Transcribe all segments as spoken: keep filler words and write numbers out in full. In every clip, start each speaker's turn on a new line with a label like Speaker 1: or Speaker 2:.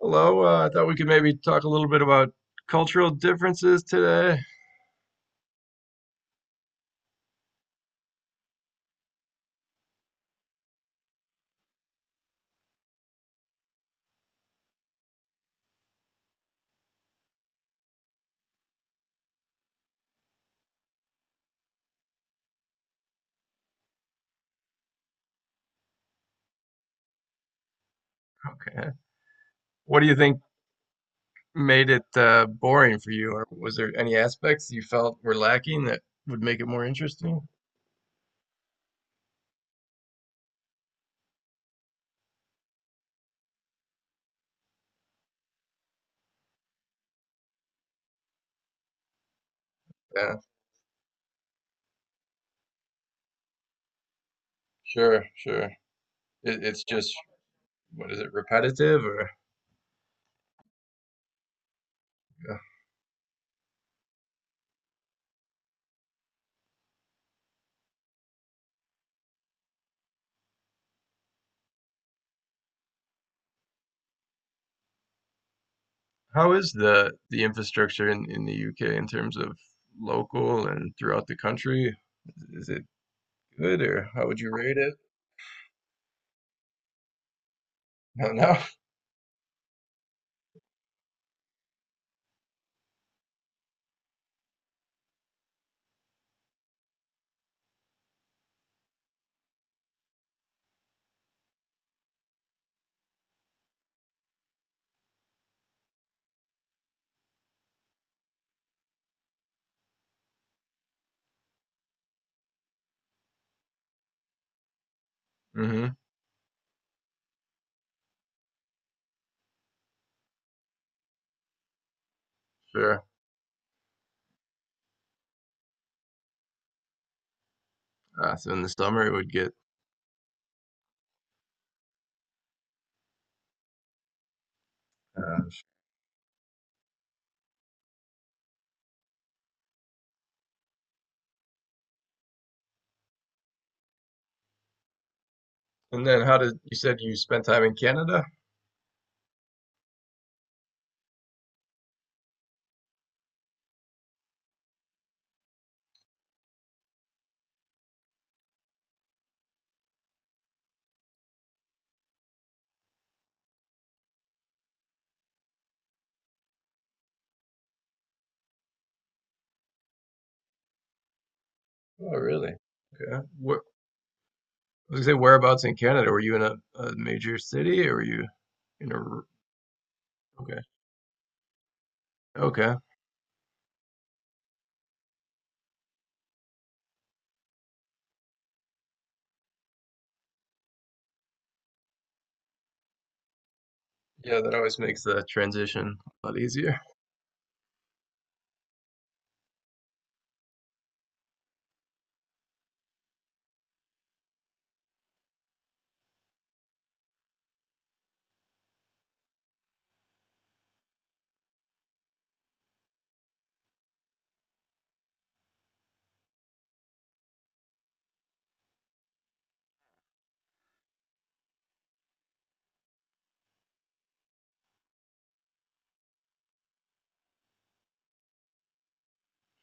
Speaker 1: Hello, uh, I thought we could maybe talk a little bit about cultural differences today. Okay. What do you think made it uh, boring for you, or was there any aspects you felt were lacking that would make it more interesting? Yeah, sure, sure. It, it's just, what is it, repetitive or yeah. How is the the infrastructure in, in the U K in terms of local and throughout the country? Is it good, or how would you rate it? No, no. Mm-hmm. Sure. Uh, so in the summer it would get uh, and then how did you said you spent time in Canada? Oh, really? Okay. What I was gonna say whereabouts in Canada? Were you in a, a major city, or were you in a r- okay. Okay. Yeah, that always makes the transition a lot easier.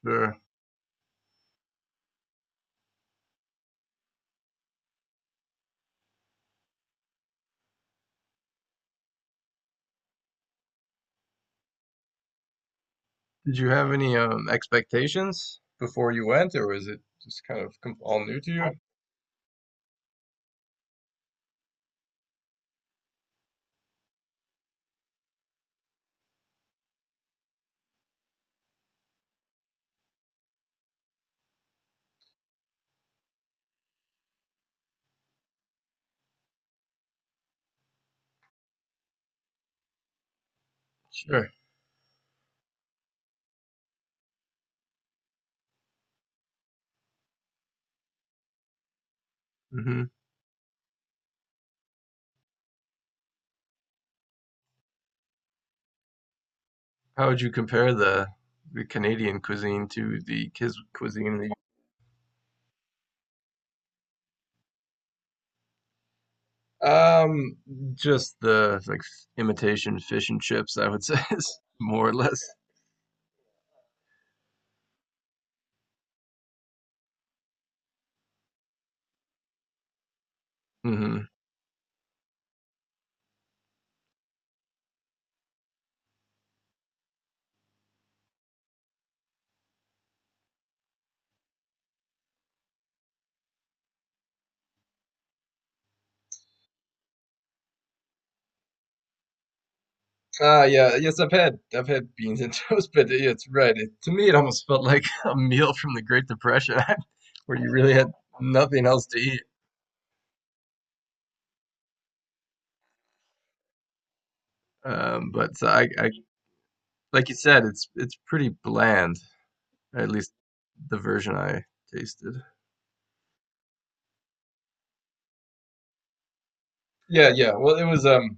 Speaker 1: Sure. Did you have any um expectations before you went, or was it just kind of com all new to you? Sure. Hmm. How would you compare the the Canadian cuisine to the kids cuisine in the, um, just the like imitation fish and chips, I would say, is more or less. Hmm. Ah, yeah, yes, I've had I've had beans and toast, but yeah, it's right. It, to me, it almost felt like a meal from the Great Depression, where you really had nothing else to eat. Um, but so I, I, like you said, it's it's pretty bland, at least the version I tasted. Yeah, yeah. Well, it was um.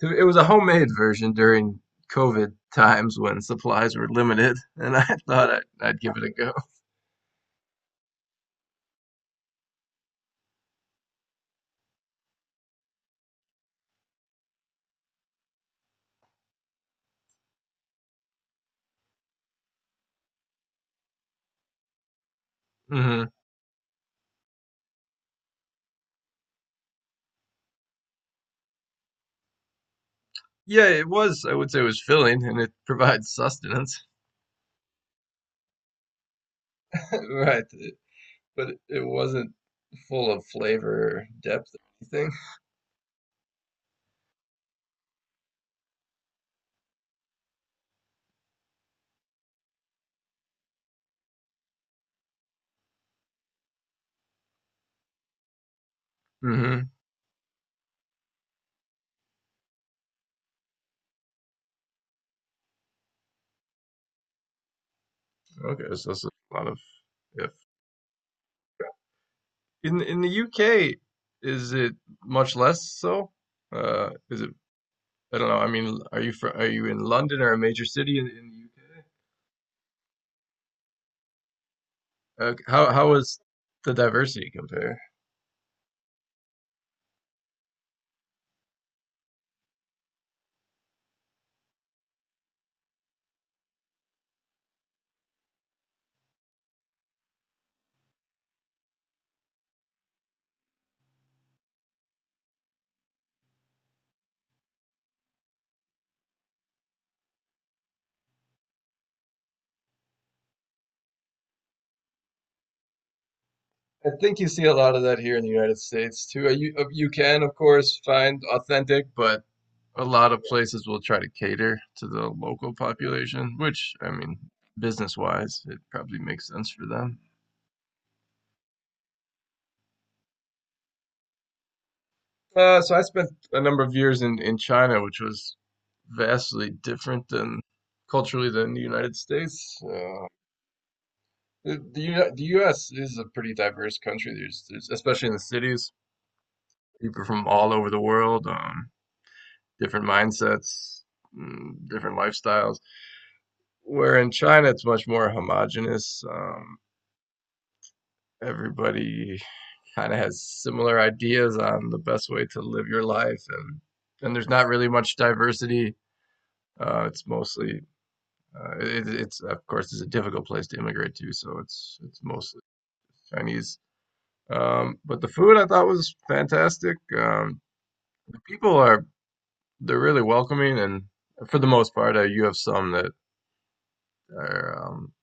Speaker 1: it was a homemade version during COVID times when supplies were limited, and I thought I'd, I'd give it a go. Hmm. Yeah, it was. I would say it was filling, and it provides sustenance. Right, but it wasn't full of flavor or depth or anything. Hmm. Okay, so that's a lot of if. In in the U K, is it much less so? Uh, is it? I don't know. I mean, are you fr are you in London or a major city in, in the U K? Okay. How how was the diversity compare? I think you see a lot of that here in the United States too. Uh, You uh, you can of course find authentic, but a lot of places will try to cater to the local population, which, I mean, business wise, it probably makes sense for them. Uh, so I spent a number of years in in China, which was vastly different than culturally than the United States. Uh, the the U- the U S is a pretty diverse country. There's, there's especially in the cities, people from all over the world, um, different mindsets, mm, different lifestyles. Where in China, it's much more homogenous. Um, everybody kind of has similar ideas on the best way to live your life, and and there's not really much diversity. Uh, it's mostly uh, it, it's, of course, it's a difficult place to immigrate to, so it's it's mostly Chinese. Um, but the food I thought was fantastic. Um, the people are they're really welcoming, and for the most part, uh, you have some that are, um,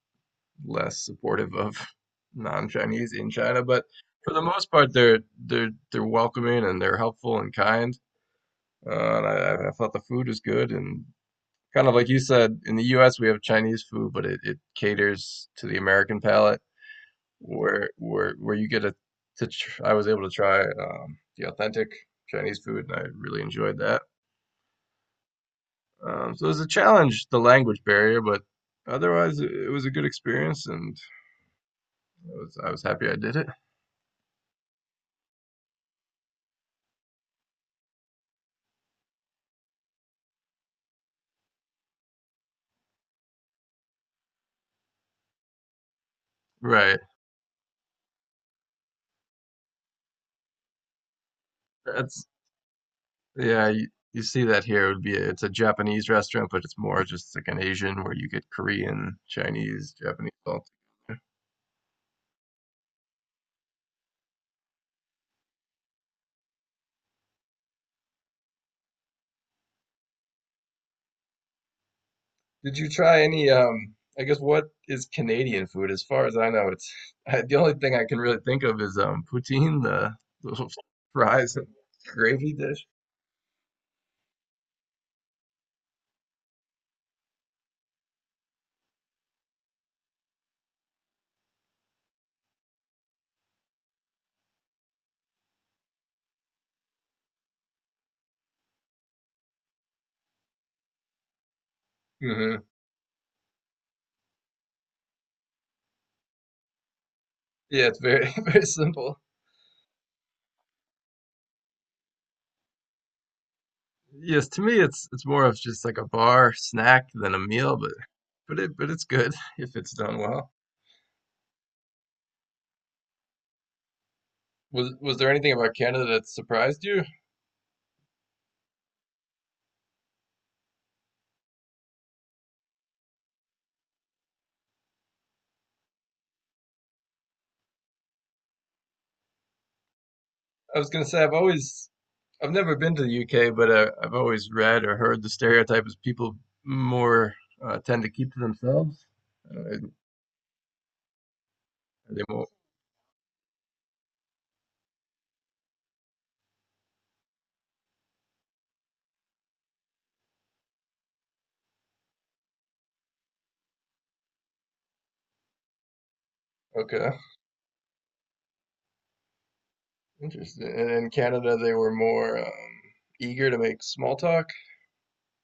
Speaker 1: less supportive of non-Chinese in China, but for the most part, they're they're they're welcoming, and they're helpful and kind. Uh, and I, I thought the food was good and kind of like you said, in the U S we have Chinese food, but it, it caters to the American palate, where where where you get a to tr I was able to try, um, the authentic Chinese food, and I really enjoyed that. Um, so it was a challenge, the language barrier, but otherwise it was a good experience, and I was I was happy I did it. Right. That's yeah. You, you see that here. It would be it's a Japanese restaurant, but it's more just like an Asian where you get Korean, Chinese, Japanese all together. Did you try any? Um, I guess, what is Canadian food? As far as I know, it's I, the only thing I can really think of is, um, poutine, the little fries and gravy dish. Hmm. Yeah, it's very very simple. Yes, to me it's it's more of just like a bar snack than a meal, but but it but it's good if it's done well. Was was there anything about Canada that surprised you? I was gonna say I've always I've never been to the U K, but uh, I've always read or heard the stereotype is people more, uh, tend to keep to themselves. Uh, Are they more okay, interesting. And in Canada, they were more, um, eager to make small talk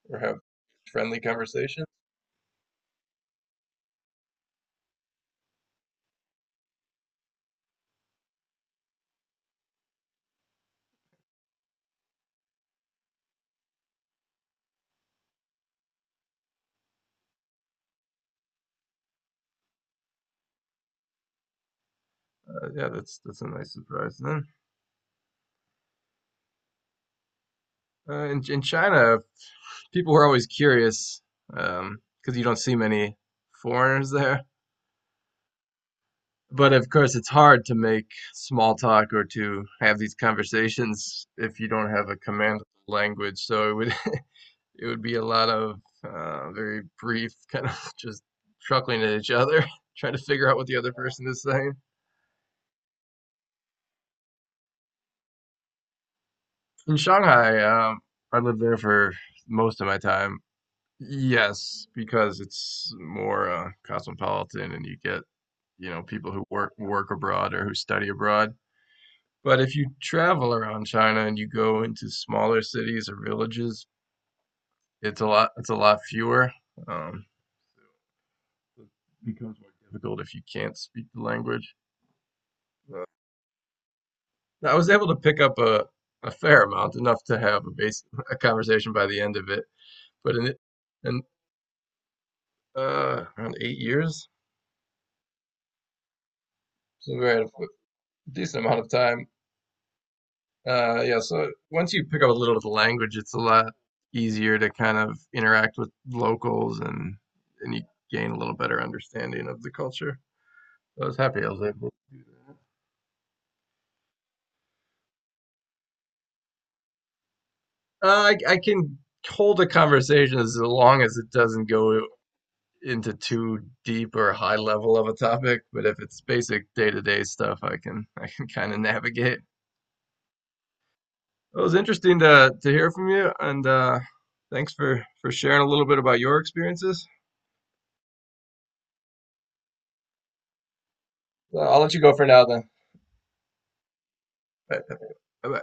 Speaker 1: or have friendly conversations. Uh, yeah, that's that's a nice surprise then. Uh, in in China, people were always curious because um, 'cause you don't see many foreigners there. But of course, it's hard to make small talk or to have these conversations if you don't have a command of the language. So it would it would be a lot of, uh, very brief kind of just chuckling at each other, trying to figure out what the other person is saying. In Shanghai, um, I lived there for most of my time. Yes, because it's more, uh, cosmopolitan and you get, you know, people who work work abroad or who study abroad. But if you travel around China and you go into smaller cities or villages, it's a lot it's a lot fewer. Um, it becomes more difficult if you can't speak the language. Uh, I was able to pick up a, a fair amount, enough to have a base a conversation by the end of it. But in it, in uh, around eight years, so we had a decent amount of time. Uh, yeah, so once you pick up a little of the language, it's a lot easier to kind of interact with locals and and you gain a little better understanding of the culture. I was happy I was able. Uh, I, I can hold a conversation as long as it doesn't go into too deep or high level of a topic, but if it's basic day-to-day stuff, I can I can kind of navigate. It was interesting to to hear from you, and uh, thanks for for sharing a little bit about your experiences. Uh, I'll let you go for now then. Bye. Uh,